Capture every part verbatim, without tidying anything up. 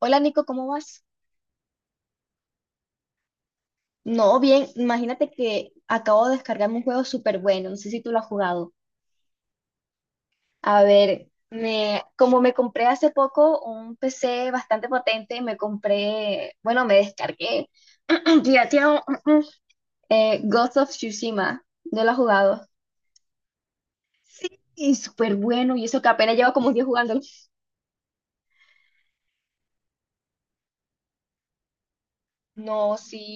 Hola Nico, ¿cómo vas? No, bien, imagínate que acabo de descargarme un juego súper bueno, no sé si tú lo has jugado. A ver, me, como me compré hace poco un P C bastante potente, me compré, bueno, me descargué, pirateado, eh, Ghost of Tsushima, ¿no lo has jugado? Sí, y súper bueno, y eso que apenas llevo como un día jugándolo. No, sí,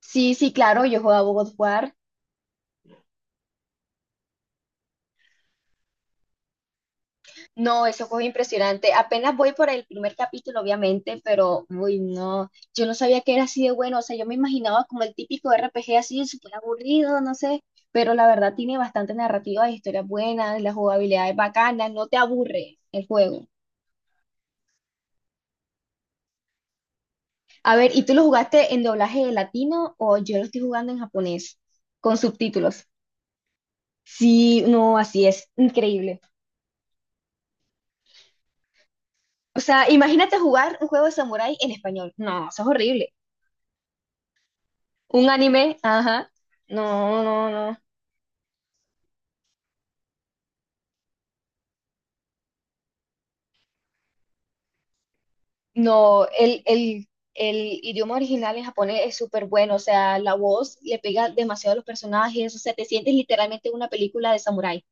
sí, sí, claro, yo jugaba God of War. No, eso fue impresionante. Apenas voy por el primer capítulo, obviamente, pero, uy, no, yo no sabía que era así de bueno. O sea, yo me imaginaba como el típico R P G así, súper aburrido, no sé, pero la verdad tiene bastante narrativa, historias buenas, la jugabilidad es bacana, no te aburre el juego. A ver, ¿y tú lo jugaste en doblaje latino o yo lo estoy jugando en japonés con subtítulos? Sí, no, así es, increíble. O sea, imagínate jugar un juego de samurái en español. No, eso es horrible. Un anime, ajá. No, no, no. No, el, el, el idioma original en japonés es súper bueno, o sea, la voz le pega demasiado a los personajes, o sea, te sientes literalmente en una película de samurái.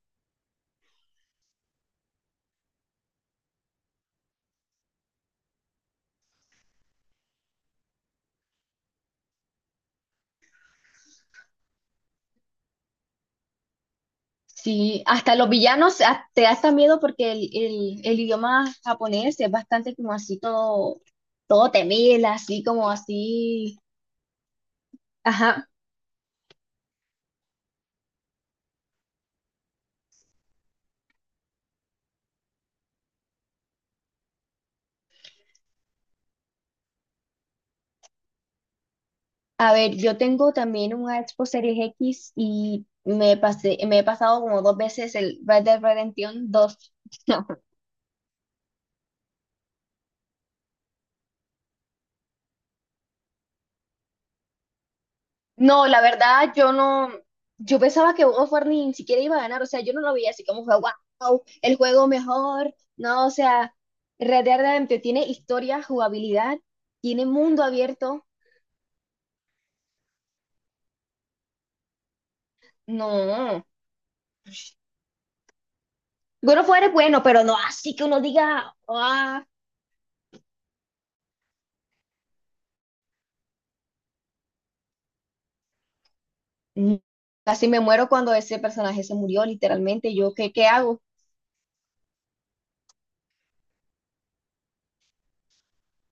Sí, hasta los villanos ah, te da hasta miedo porque el, el, el idioma japonés es bastante como así todo, todo temible, así como así, ajá. A ver, yo tengo también una Xbox Series X y me pasé, me he pasado como dos veces el Red Dead Redemption dos. No, la verdad, yo no, yo pensaba que uno fuera ni siquiera iba a ganar, o sea, yo no lo veía así como fue, wow, el juego mejor, no, o sea, Red Dead Redemption tiene historia, jugabilidad, tiene mundo abierto. No, bueno, fuera es bueno, pero no, así que uno diga, ah, mm, casi me muero cuando ese personaje se murió, literalmente, yo, ¿qué, qué hago?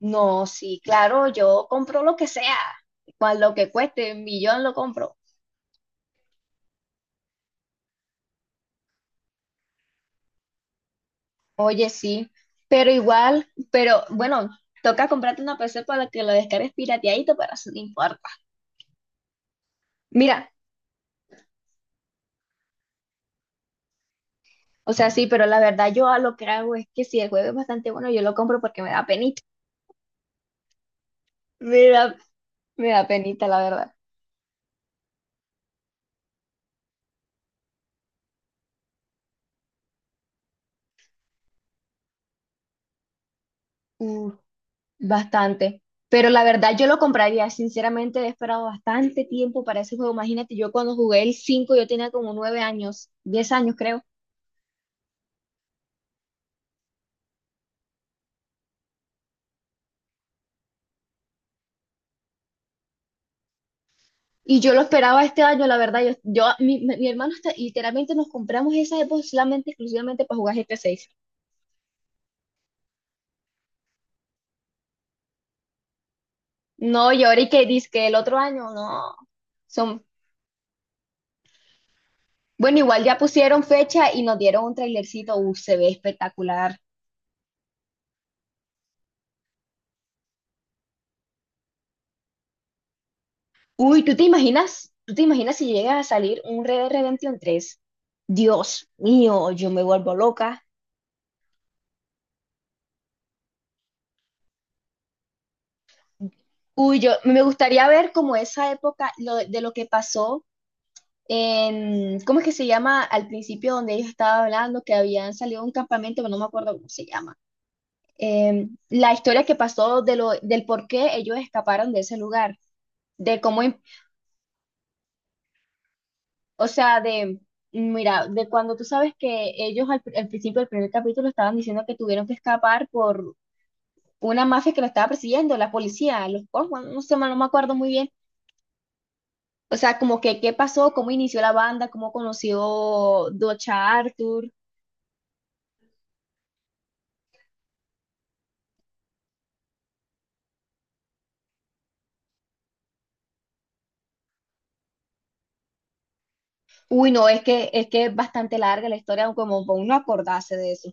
No, sí, claro, yo compro lo que sea, cual lo que cueste, un millón lo compro. Oye, sí, pero igual, pero bueno, toca comprarte una P C para que la descargues pirateadito, pero eso no importa. Mira, o sea, sí, pero la verdad yo a lo que hago es que si el juego es bastante bueno, yo lo compro porque me da penita. Me da, me da penita, la verdad. Uh, Bastante. Pero la verdad yo lo compraría, sinceramente he esperado bastante tiempo para ese juego. Imagínate, yo cuando jugué el cinco yo tenía como nueve años, diez años creo. Y yo lo esperaba este año, la verdad. Yo, yo mi, mi- mi hermano está, literalmente nos compramos esa Xbox solamente, exclusivamente para jugar G T A seis. No, y ahora y que dice que el otro año, no. Son, bueno, igual ya pusieron fecha y nos dieron un trailercito. Uh, se ve espectacular. Uy, ¿tú te imaginas? ¿Tú te imaginas si llega a salir un Red Dead Redemption tres? Dios mío, yo me vuelvo loca. Uy, yo me gustaría ver como esa época lo, de lo que pasó en, ¿cómo es que se llama? Al principio donde ellos estaban hablando que habían salido de un campamento, pero no me acuerdo cómo se llama. Eh, la historia que pasó de lo, del por qué ellos escaparon de ese lugar, de cómo, im- o sea, de, mira, de cuando tú sabes que ellos al, al principio del primer capítulo estaban diciendo que tuvieron que escapar por una mafia que lo estaba persiguiendo, la policía, los Cosmos, no sé, no me acuerdo muy bien. O sea, como que qué pasó, cómo inició la banda, cómo conoció Docha Arthur. Uy, no, es que, es que es bastante larga la historia, como para uno acordarse de eso.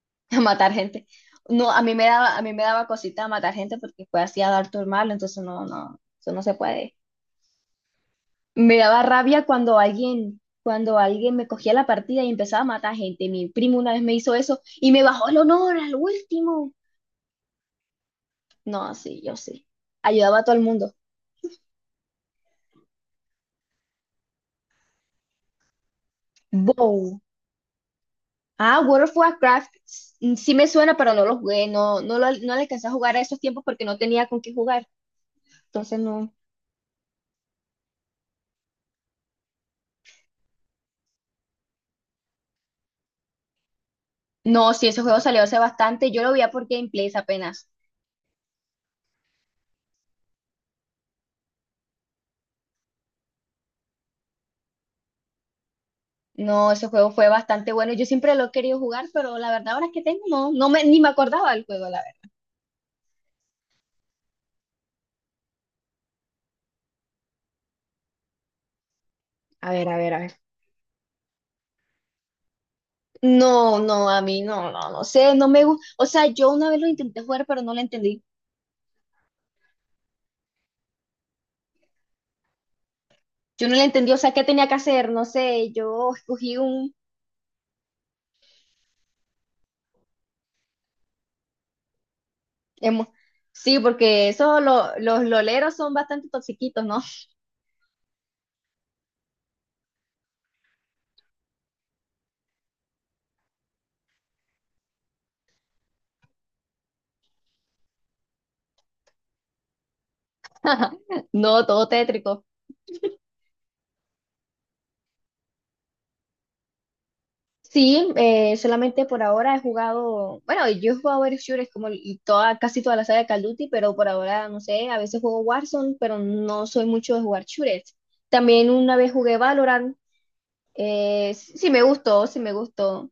A matar gente. No, a mí me daba, a mí me daba cosita matar gente porque fue así a dar tu malo, entonces no, no, eso no se puede. Me daba rabia cuando alguien, cuando alguien me cogía la partida y empezaba a matar gente. Mi primo una vez me hizo eso y me bajó el honor al último. No, sí, yo sí. Ayudaba a todo el mundo. Bow. Ah, World of Warcraft. Sí me suena, pero no lo jugué. No, no lo, no le alcancé a jugar a esos tiempos porque no tenía con qué jugar. Entonces no. No, sí, ese juego salió hace bastante. Yo lo vi por Gameplays apenas. No, ese juego fue bastante bueno. Yo siempre lo he querido jugar, pero la verdad ahora que tengo, no, no me, ni me acordaba del juego, la verdad. A ver, a ver, a ver. No, no, a mí no, no, no sé, no me gusta. O sea, yo una vez lo intenté jugar, pero no lo entendí. Yo no lo entendí, o sea, qué tenía que hacer, no sé, yo escogí un. emo- Sí, porque eso, lo- los loleros son bastante toxiquitos, ¿no? No, todo tétrico. Sí, eh, solamente por ahora he jugado, bueno, yo he jugado varios shooters como el- y toda, casi toda la saga de Call of Duty, pero por ahora, no sé, a veces juego Warzone, pero no soy mucho de jugar shooters. También una vez jugué Valorant, eh, sí sí me gustó, sí me gustó.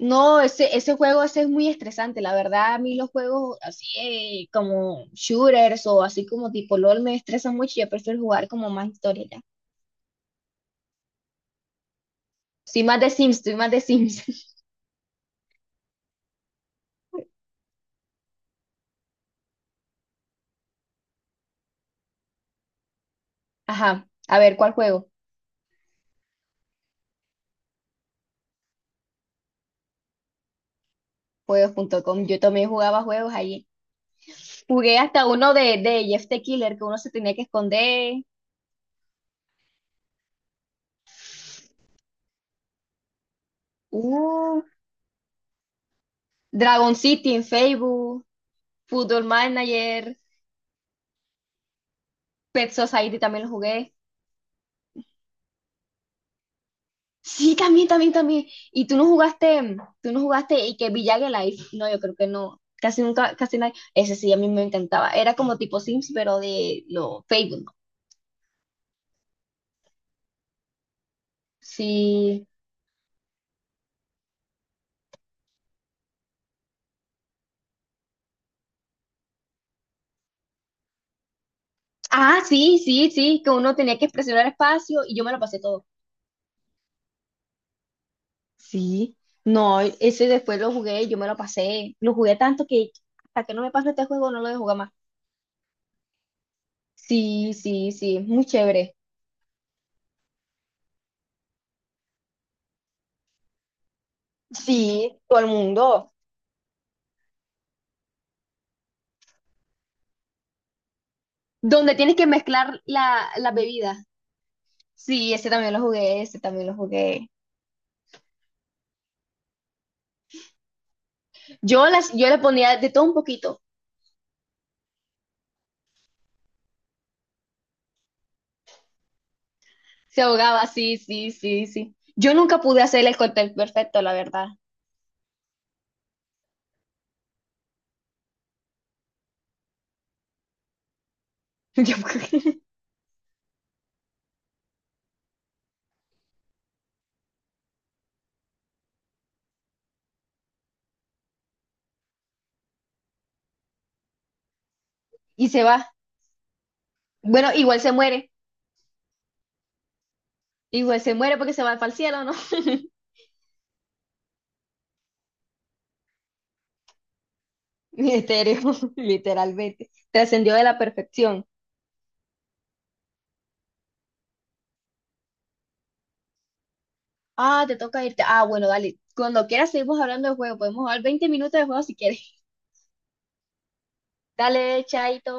No, ese, ese juego ese es muy estresante, la verdad, a mí los juegos así eh, como shooters o así como tipo LOL me estresan mucho, yo prefiero jugar como más historia ya. Soy más de Sims, soy más de Sims. Ajá, a ver, ¿cuál juego? juegos punto com. Yo también jugaba juegos allí. Jugué hasta uno de, de Jeff the Killer, que uno se tenía que esconder. Uh, Dragon City en Facebook, Football Manager, Pet Society también lo jugué. Sí, también, también, también. Y tú no jugaste, tú no jugaste y que Village Life. No, yo creo que no. Casi nunca, casi nadie. Ese sí, a mí me encantaba. Era como tipo Sims, pero de lo Facebook, ¿no? Sí. Ah, sí, sí, sí, que uno tenía que presionar espacio y yo me lo pasé todo. Sí, no, ese después lo jugué, yo me lo pasé, lo jugué tanto que hasta que no me pasó este juego no lo he jugado más. Sí, sí, sí, muy chévere. Sí, todo el mundo. Donde tienes que mezclar la, la bebida. Sí, ese también lo jugué, ese también lo jugué. Yo las, yo le ponía de todo un poquito. Se ahogaba, sí, sí, sí, sí. Yo nunca pude hacer el cóctel perfecto, la verdad. Yo- Y se va. Bueno, igual se muere. Igual se muere porque se va para el cielo, ¿no? Mi etéreo, literalmente. Trascendió de la perfección. Ah, te toca irte. Ah, bueno, dale. Cuando quieras seguimos hablando de juego. Podemos jugar veinte minutos de juego si quieres. Dale, chaito.